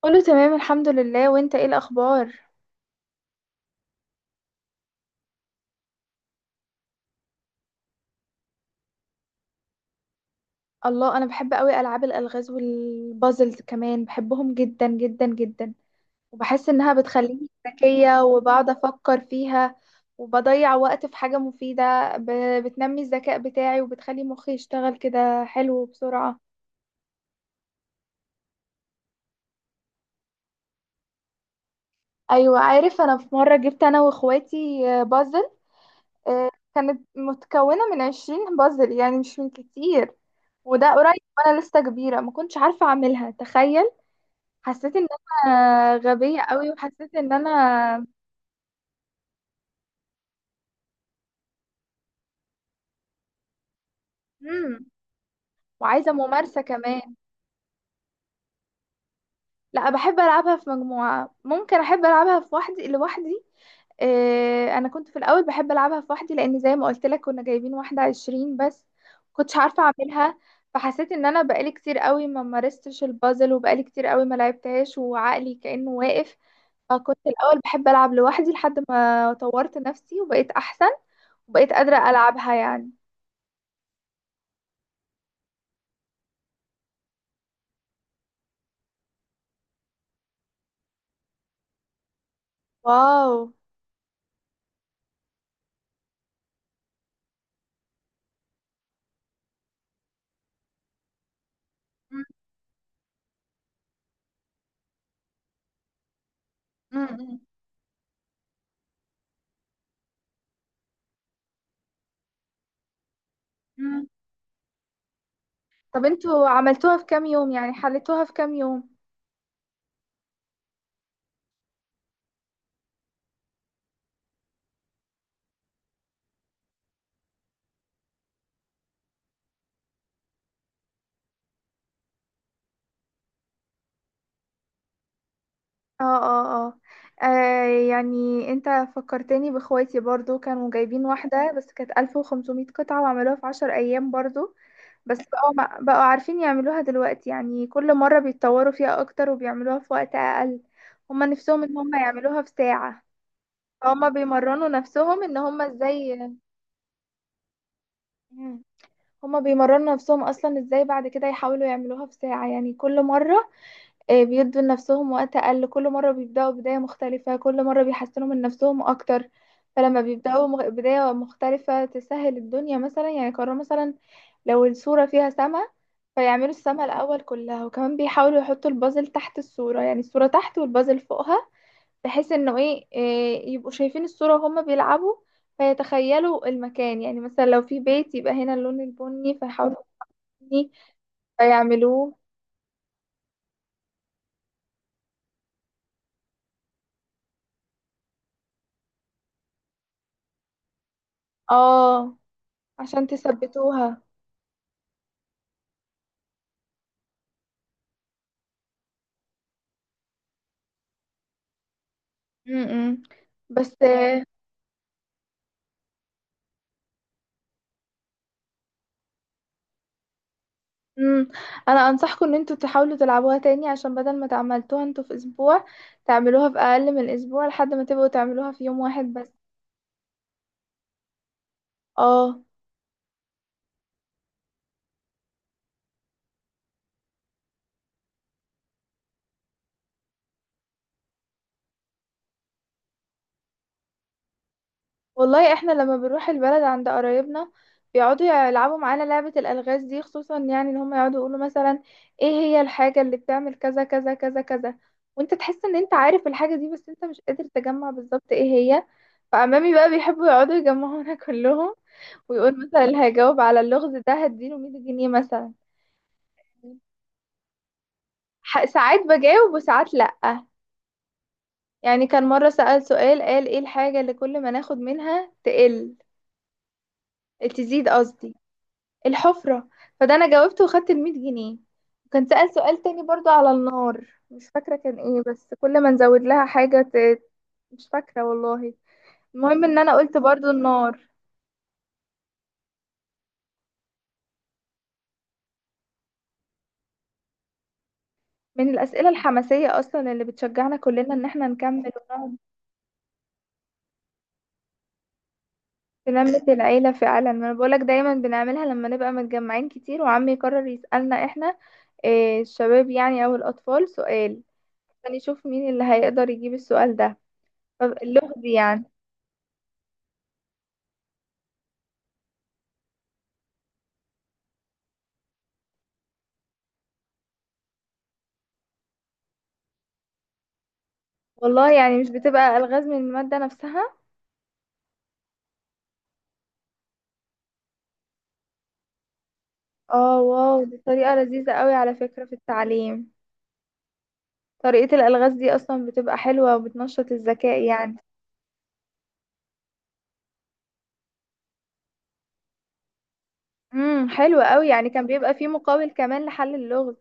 كله تمام، الحمد لله، وانت ايه الاخبار؟ الله، انا بحب قوي العاب الالغاز والبازلز، كمان بحبهم جدا جدا جدا. وبحس انها بتخليني ذكيه، وبقعد افكر فيها، وبضيع وقت في حاجه مفيده، بتنمي الذكاء بتاعي، وبتخلي مخي يشتغل كده حلو وبسرعه. ايوه، عارف، انا في مره جبت انا واخواتي بازل. آه، كانت متكونه من 20 بازل، يعني مش من كتير. وده قريب، وانا لسه كبيره ما كنتش عارفه اعملها، تخيل. حسيت ان انا غبية قوي، وحسيت ان انا... مم. وعايزة ممارسة كمان. لا، بحب العبها في مجموعة، ممكن احب العبها في وحدي لوحدي. انا كنت في الاول بحب العبها في وحدي، لان زي ما قلت لك كنا جايبين واحدة 20 بس، كنتش عارفة اعملها. فحسيت ان انا بقالي كتير قوي ما مارستش البازل، وبقالي كتير قوي ما لعبتهاش، وعقلي كأنه واقف. فكنت الاول بحب العب لوحدي لحد ما طورت نفسي وبقيت احسن، وبقيت قادرة العبها يعني. واو. مم. مم. طب انتوا عملتوها في كام يوم؟ يعني حلتوها في كام يوم؟ اه، اه، اه. آه، يعني انت فكرتني باخواتي برضو، كانوا جايبين واحدة بس كانت 1500 قطعة، وعملوها في 10 ايام برضو. بس بقوا بقوا عارفين يعملوها دلوقتي، يعني كل مرة بيتطوروا فيها اكتر وبيعملوها في وقت اقل. هما نفسهم ان هما يعملوها في ساعة. هما بيمرنوا نفسهم ان هما ازاي... مم. هما بيمرنوا نفسهم اصلا ازاي بعد كده يحاولوا يعملوها في ساعة، يعني كل مرة. بيدوا لنفسهم وقت أقل كل مرة، بيبدأوا بداية مختلفة كل مرة، بيحسنوا من نفسهم أكتر. فلما بيبدأوا بداية مختلفة تسهل الدنيا، مثلا يعني قرروا مثلا لو الصورة فيها سما، فيعملوا السما الأول كلها. وكمان بيحاولوا يحطوا البازل تحت الصورة، يعني الصورة تحت والبازل فوقها. بحيث انه ايه، يبقوا شايفين الصورة وهما بيلعبوا، فيتخيلوا المكان. يعني مثلا لو في بيت يبقى هنا اللون البني، فيحاولوا البني فيعملوه. اه. عشان تثبتوها. امم. بس امم، انا انصحكم ان انتوا تحاولوا تلعبوها تاني، عشان بدل ما تعملتوها انتوا في اسبوع، تعملوها في اقل من اسبوع، لحد ما تبقوا تعملوها في يوم واحد بس. اه. والله احنا لما بنروح البلد عند قرايبنا، بيقعدوا يلعبوا معانا لعبة الالغاز دي خصوصا، يعني ان هم يقعدوا يقولوا مثلا ايه هي الحاجة اللي بتعمل كذا كذا كذا كذا. وانت تحس ان انت عارف الحاجة دي بس انت مش قادر تجمع بالظبط ايه هي. فعمامي بقى بيحبوا يقعدوا يجمعونا كلهم، ويقول مثلا هجاوب على اللغز ده هديله 100 جنيه مثلا. ساعات بجاوب وساعات لأ. يعني كان مرة سأل سؤال، قال: ايه الحاجة اللي كل ما ناخد منها تقل... تزيد قصدي. الحفرة. فده انا جاوبته وخدت ال100 جنيه. وكان سأل سؤال تاني برضو على النار، مش فاكرة كان ايه، بس كل ما نزود لها حاجة ت... مش فاكرة والله. المهم ان انا قلت برضو النار. من الأسئلة الحماسية اصلا اللي بتشجعنا كلنا ان احنا نكمل. بنملة العيلة فعلا، ما انا بقولك دايما بنعملها لما نبقى متجمعين كتير، وعمي يقرر يسألنا احنا، إيه الشباب يعني او الاطفال، سؤال عشان يشوف مين اللي هيقدر يجيب السؤال ده. طب اللغز يعني. والله يعني مش بتبقى الغاز من المادة نفسها. اه، واو، دي طريقة لذيذة قوي على فكرة في التعليم. طريقة الالغاز دي اصلا بتبقى حلوة وبتنشط الذكاء يعني. امم، حلوة قوي، يعني كان بيبقى فيه مقابل كمان لحل اللغز.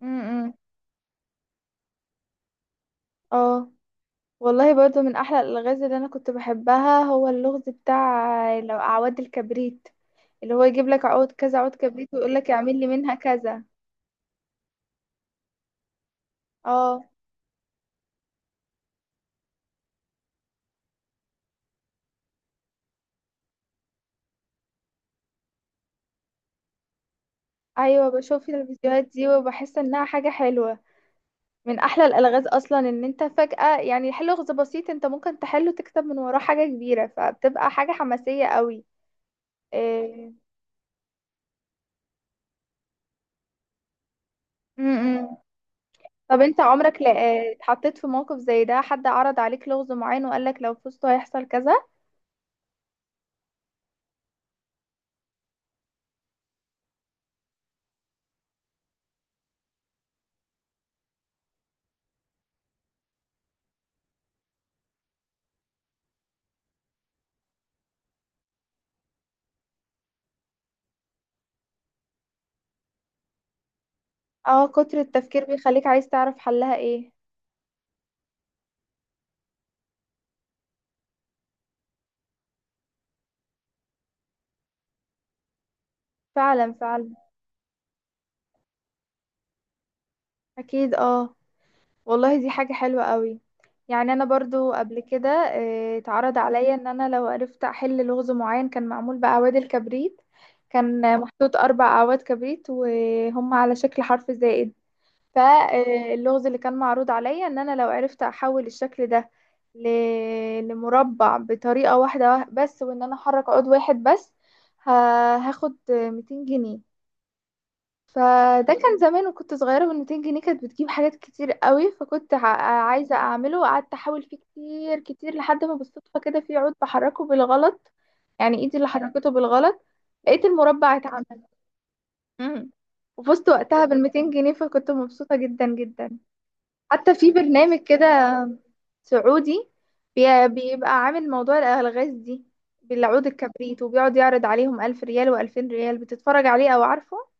امم. اه، والله برضو من احلى الالغاز اللي انا كنت بحبها هو اللغز بتاع لو اعواد الكبريت. اللي هو يجيب لك عود كذا عود كبريت، ويقول لك اعمل لي منها كذا. اه. ايوه، بشوف الفيديوهات دي وبحس انها حاجه حلوه. من احلى الالغاز اصلا ان انت فجاه، يعني حل لغز بسيط انت ممكن تحله، تكتب من وراه حاجه كبيره، فبتبقى حاجه حماسيه قوي. إيه. م-م. طب انت عمرك اتحطيت في موقف زي ده؟ حد عرض عليك لغز معين وقال لك لو فزت هيحصل كذا. اه. كتر التفكير بيخليك عايز تعرف حلها ايه. فعلا، فعلا. اكيد، اه. والله دي حاجة حلوة قوي. يعني انا برضو قبل كده، اتعرض عليا ان انا لو عرفت احل لغز معين كان معمول باعواد الكبريت. كان محطوط 4 اعواد كبريت وهم على شكل حرف زائد. فاللغز اللي كان معروض عليا ان انا لو عرفت احول الشكل ده لمربع بطريقة واحدة بس، وان انا احرك عود واحد بس ه- هاخد 200 جنيه. فده كان زمان وكنت صغيرة، وال 200 جنيه كانت بتجيب حاجات كتير قوي، فكنت عايزة أعمله. وقعدت أحاول فيه كتير كتير، لحد ما بالصدفة كده في عود بحركه بالغلط، يعني إيدي اللي حركته بالغلط. لقيت المربع اتعمل. امم. وفزت وقتها بال 200 جنيه، فكنت مبسوطة جدا جدا. حتى في برنامج كده سعودي، بيبقى عامل موضوع الألغاز دي بالعود الكبريت، وبيقعد يعرض عليهم 1000 ريال وألفين ريال، بتتفرج عليه أو عارفه.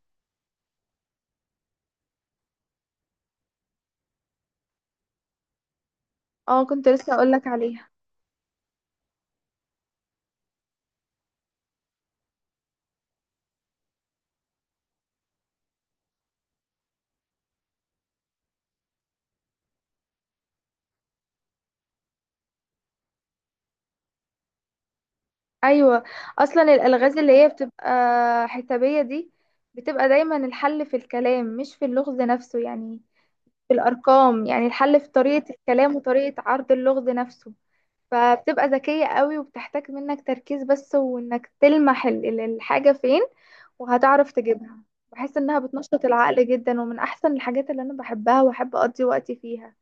اه، كنت لسه أقولك عليه. ايوه، اصلا الالغاز اللي هي بتبقى حسابيه دي، بتبقى دايما الحل في الكلام مش في اللغز نفسه، يعني في الارقام. يعني الحل في طريقه الكلام وطريقه عرض اللغز نفسه. فبتبقى ذكيه قوي، وبتحتاج منك تركيز بس، وانك تلمح الحاجه فين وهتعرف تجيبها. بحس انها بتنشط العقل جدا، ومن احسن الحاجات اللي انا بحبها واحب اقضي وقتي فيها.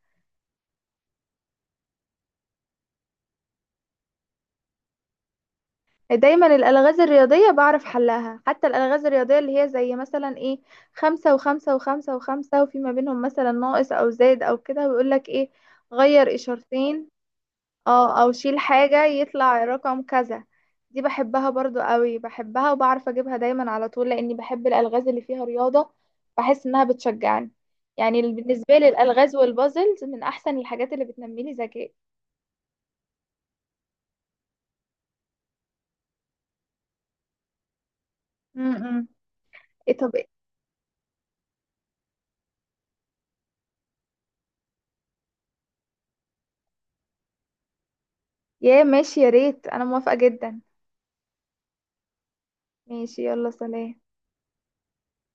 دايما الألغاز الرياضية بعرف حلها، حتى الألغاز الرياضية اللي هي زي مثلا ايه، خمسة وخمسة وخمسة وخمسة وفي ما بينهم مثلا ناقص أو زائد أو كده، ويقولك ايه، غير إشارتين. اه، أو شيل حاجة يطلع رقم كذا. دي بحبها برضو قوي، بحبها وبعرف أجيبها دايما على طول، لأني بحب الألغاز اللي فيها رياضة، بحس إنها بتشجعني. يعني بالنسبة لي الألغاز والبازلز من أحسن الحاجات اللي بتنمي لي ذكاء. م- م. ايه، طب إيه؟ يا ماشي، يا ريت، أنا موافقة جدا. ماشي، يلا، سلام.